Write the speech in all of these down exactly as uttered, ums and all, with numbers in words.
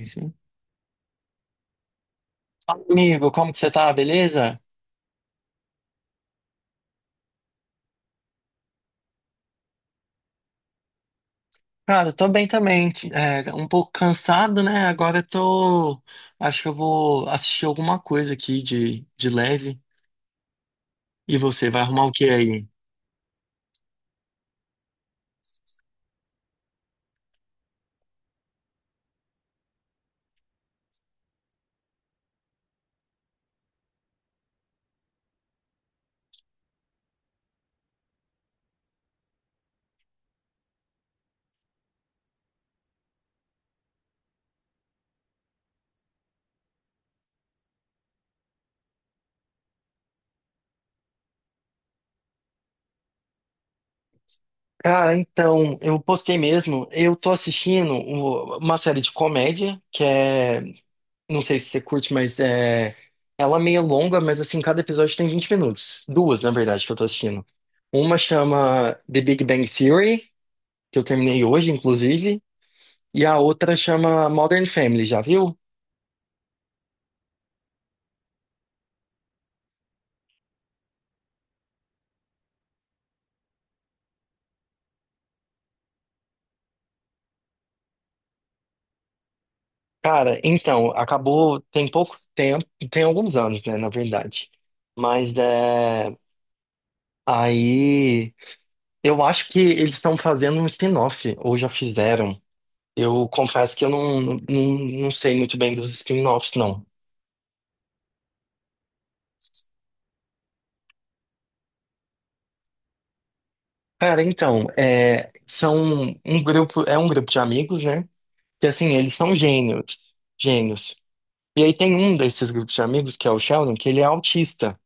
Sim. Amigo, como que você tá? Beleza? Cara, eu tô bem também. É, um pouco cansado, né? Agora eu tô. Acho que eu vou assistir alguma coisa aqui de, de leve. E você, vai arrumar o que aí? Cara, então, eu postei mesmo. Eu tô assistindo o- uma série de comédia, que é. Não sei se você curte, mas é. Ela é meio longa, mas assim, cada episódio tem vinte minutos. Duas, na verdade, que eu tô assistindo. Uma chama The Big Bang Theory, que eu terminei hoje, inclusive. E a outra chama Modern Family, já viu? Cara, então, acabou tem pouco tempo, tem alguns anos, né, na verdade. Mas é, aí eu acho que eles estão fazendo um spin-off, ou já fizeram. Eu confesso que eu não, não, não sei muito bem dos spin-offs, não. Cara, então, é, são um grupo, é um grupo de amigos, né? Que assim, eles são gênios, gênios. E aí tem um desses grupos de amigos, que é o Sheldon, que ele é autista.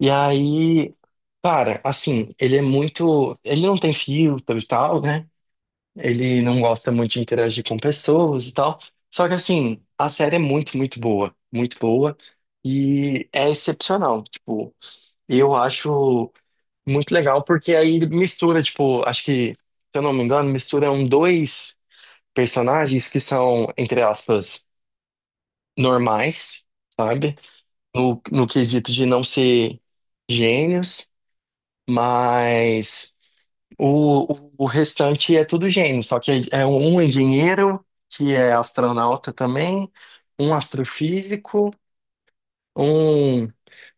E aí, cara, assim, ele é muito. Ele não tem filtro e tal, né? Ele não gosta muito de interagir com pessoas e tal. Só que, assim, a série é muito, muito boa. Muito boa. E é excepcional. Tipo, eu acho muito legal, porque aí mistura, tipo, acho que, se eu não me engano, misturam dois personagens que são, entre aspas, normais, sabe? No, no quesito de não ser gênios. Mas o, o o restante é tudo gênio, só que é um engenheiro, que é astronauta também, um astrofísico, um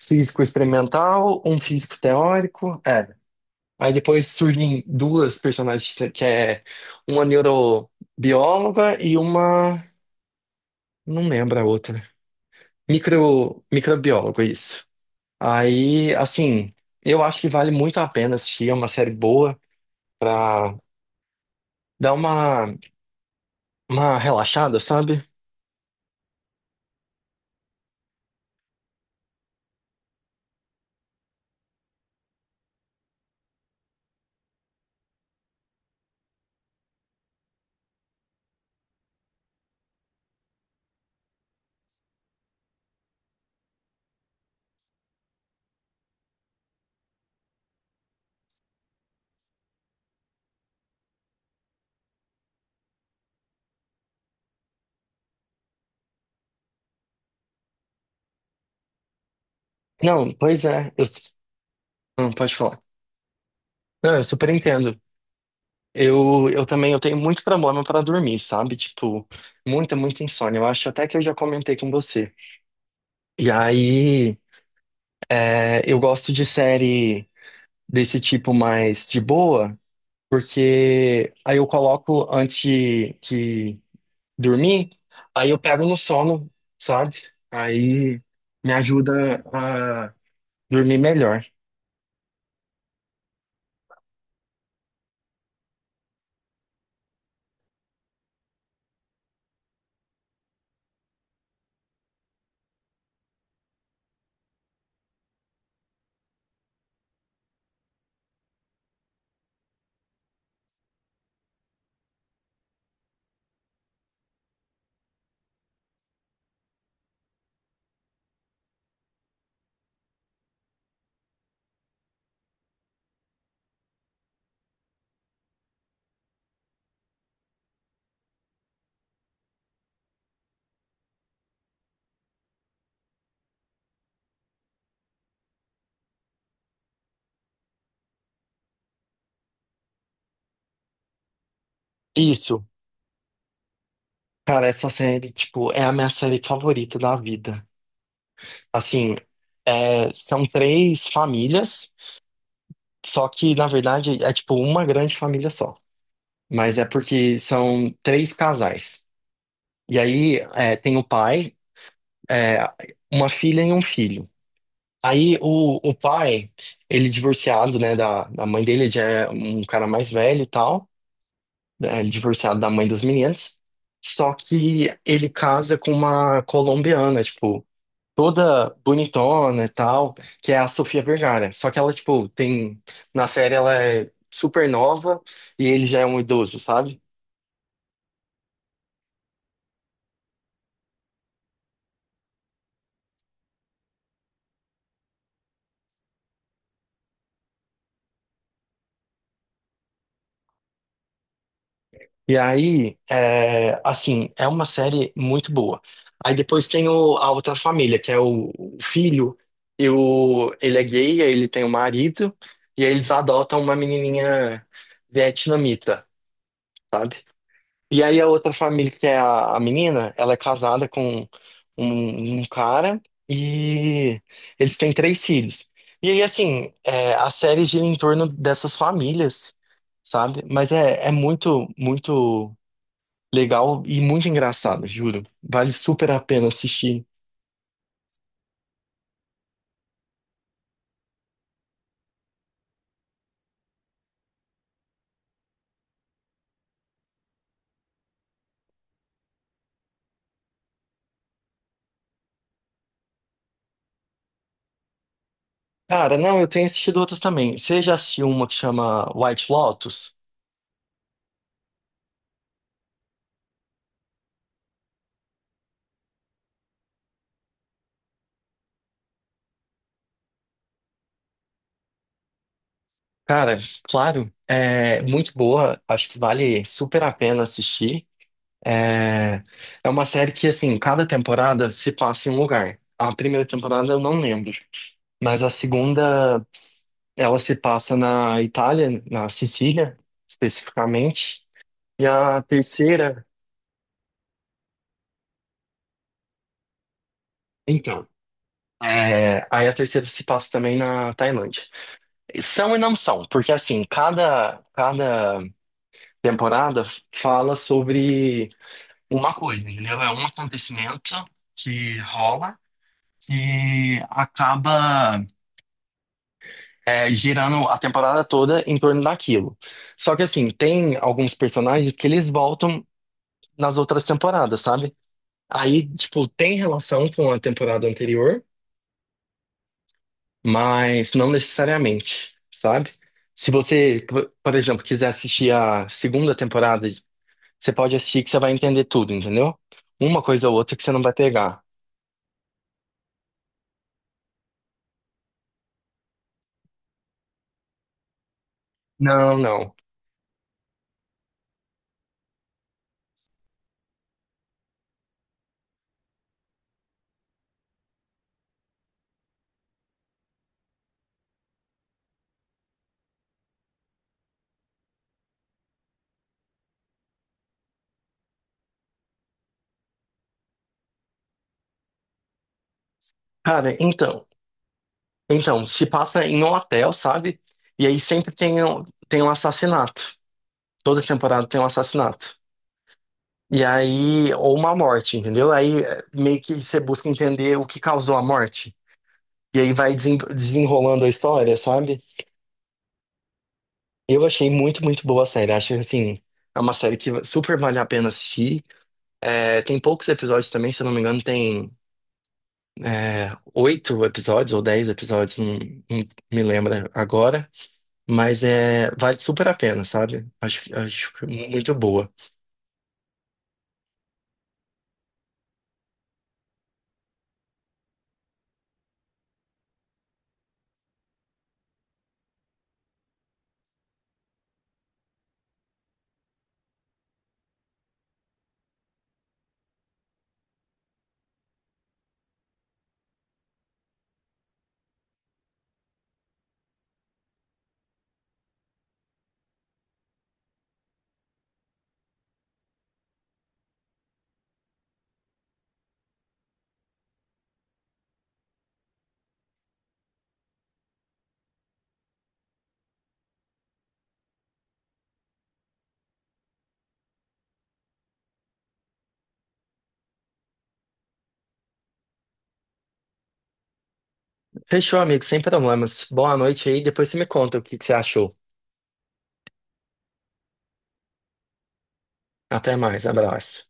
físico experimental, um físico teórico, é. Aí depois surgem duas personagens, que é uma neurobióloga e uma, não lembro a outra, micro, microbiólogo isso. Aí, assim, eu acho que vale muito a pena assistir, é uma série boa Dá uma, uma relaxada, sabe? Não, pois é. Eu, não, pode falar. Não, eu super entendo. Eu, eu também eu tenho muito problema para dormir, sabe? Tipo, muita, muita insônia. Eu acho até que eu já comentei com você. E aí, é, eu gosto de série desse tipo mais de boa, porque aí eu coloco antes de de dormir, aí eu pego no sono, sabe? Aí me ajuda a dormir melhor. Isso. Cara, essa série, tipo, é a minha série favorita da vida. Assim, é, são três famílias, só que, na verdade, é tipo uma grande família só. Mas é porque são três casais. E aí, é, tem o pai, é, uma filha e um filho. Aí, o, o pai, ele divorciado, né, da, da mãe dele, ele já é um cara mais velho e tal, né, ele divorciado da mãe dos meninos. Só que ele casa com uma colombiana, tipo. toda bonitona e tal, que é a Sofia Vergara. Só que ela, tipo, tem. Na série ela é super nova e ele já é um idoso, sabe? E aí, é, assim, é uma série muito boa. Aí depois tem o- a outra família, que é o, o filho, e o, ele é gay, aí ele tem um marido, e aí eles adotam uma menininha vietnamita. sabe? E aí a outra família, que é a, a menina, ela é casada com um, um cara e eles têm três filhos. E aí, assim, é, a série gira em torno dessas famílias, sabe? Mas é, é muito, muito legal e muito engraçado, juro. Vale super a pena assistir. Cara, não, eu tenho assistido outras também. Você já assistiu uma que chama White Lotus? Cara, claro, é muito boa, acho que vale super a pena assistir. É, é uma série que, assim, cada temporada se passa em um lugar. A primeira temporada eu não lembro, mas a segunda ela se passa na Itália, na Sicília, especificamente. E a terceira, então, é, aí a terceira se passa também na Tailândia. São e não são, porque, assim, cada, cada temporada fala sobre uma coisa, entendeu? É um acontecimento que rola. Que acaba é, girando a temporada toda em torno daquilo. Só que assim, tem alguns personagens que eles voltam nas outras temporadas, sabe? Aí, tipo, tem relação com a temporada anterior, mas não necessariamente, sabe? Se você, por por exemplo, quiser assistir a segunda temporada, você pode assistir que você vai entender tudo, entendeu? Uma coisa ou outra que você não vai pegar. Não, não. Cara, então, então, se passa em um hotel, sabe? E aí sempre tem um, tem um assassinato. Toda temporada tem um assassinato. E aí, ou uma morte, entendeu? Aí eh, meio que você busca entender o que causou a morte. E aí vai desen- desenrolando a história, sabe? Eu achei muito, muito boa a série. Acho assim, é uma série que super vale a pena assistir. É, tem poucos episódios também, se eu não me engano, tem é, oito episódios ou dez episódios, não, não me lembro agora. Mas é, vale super a pena, sabe? Acho, acho muito boa. Fechou, amigo, sem problemas. Boa noite aí, depois você me conta o que que você achou. Até mais, abraço.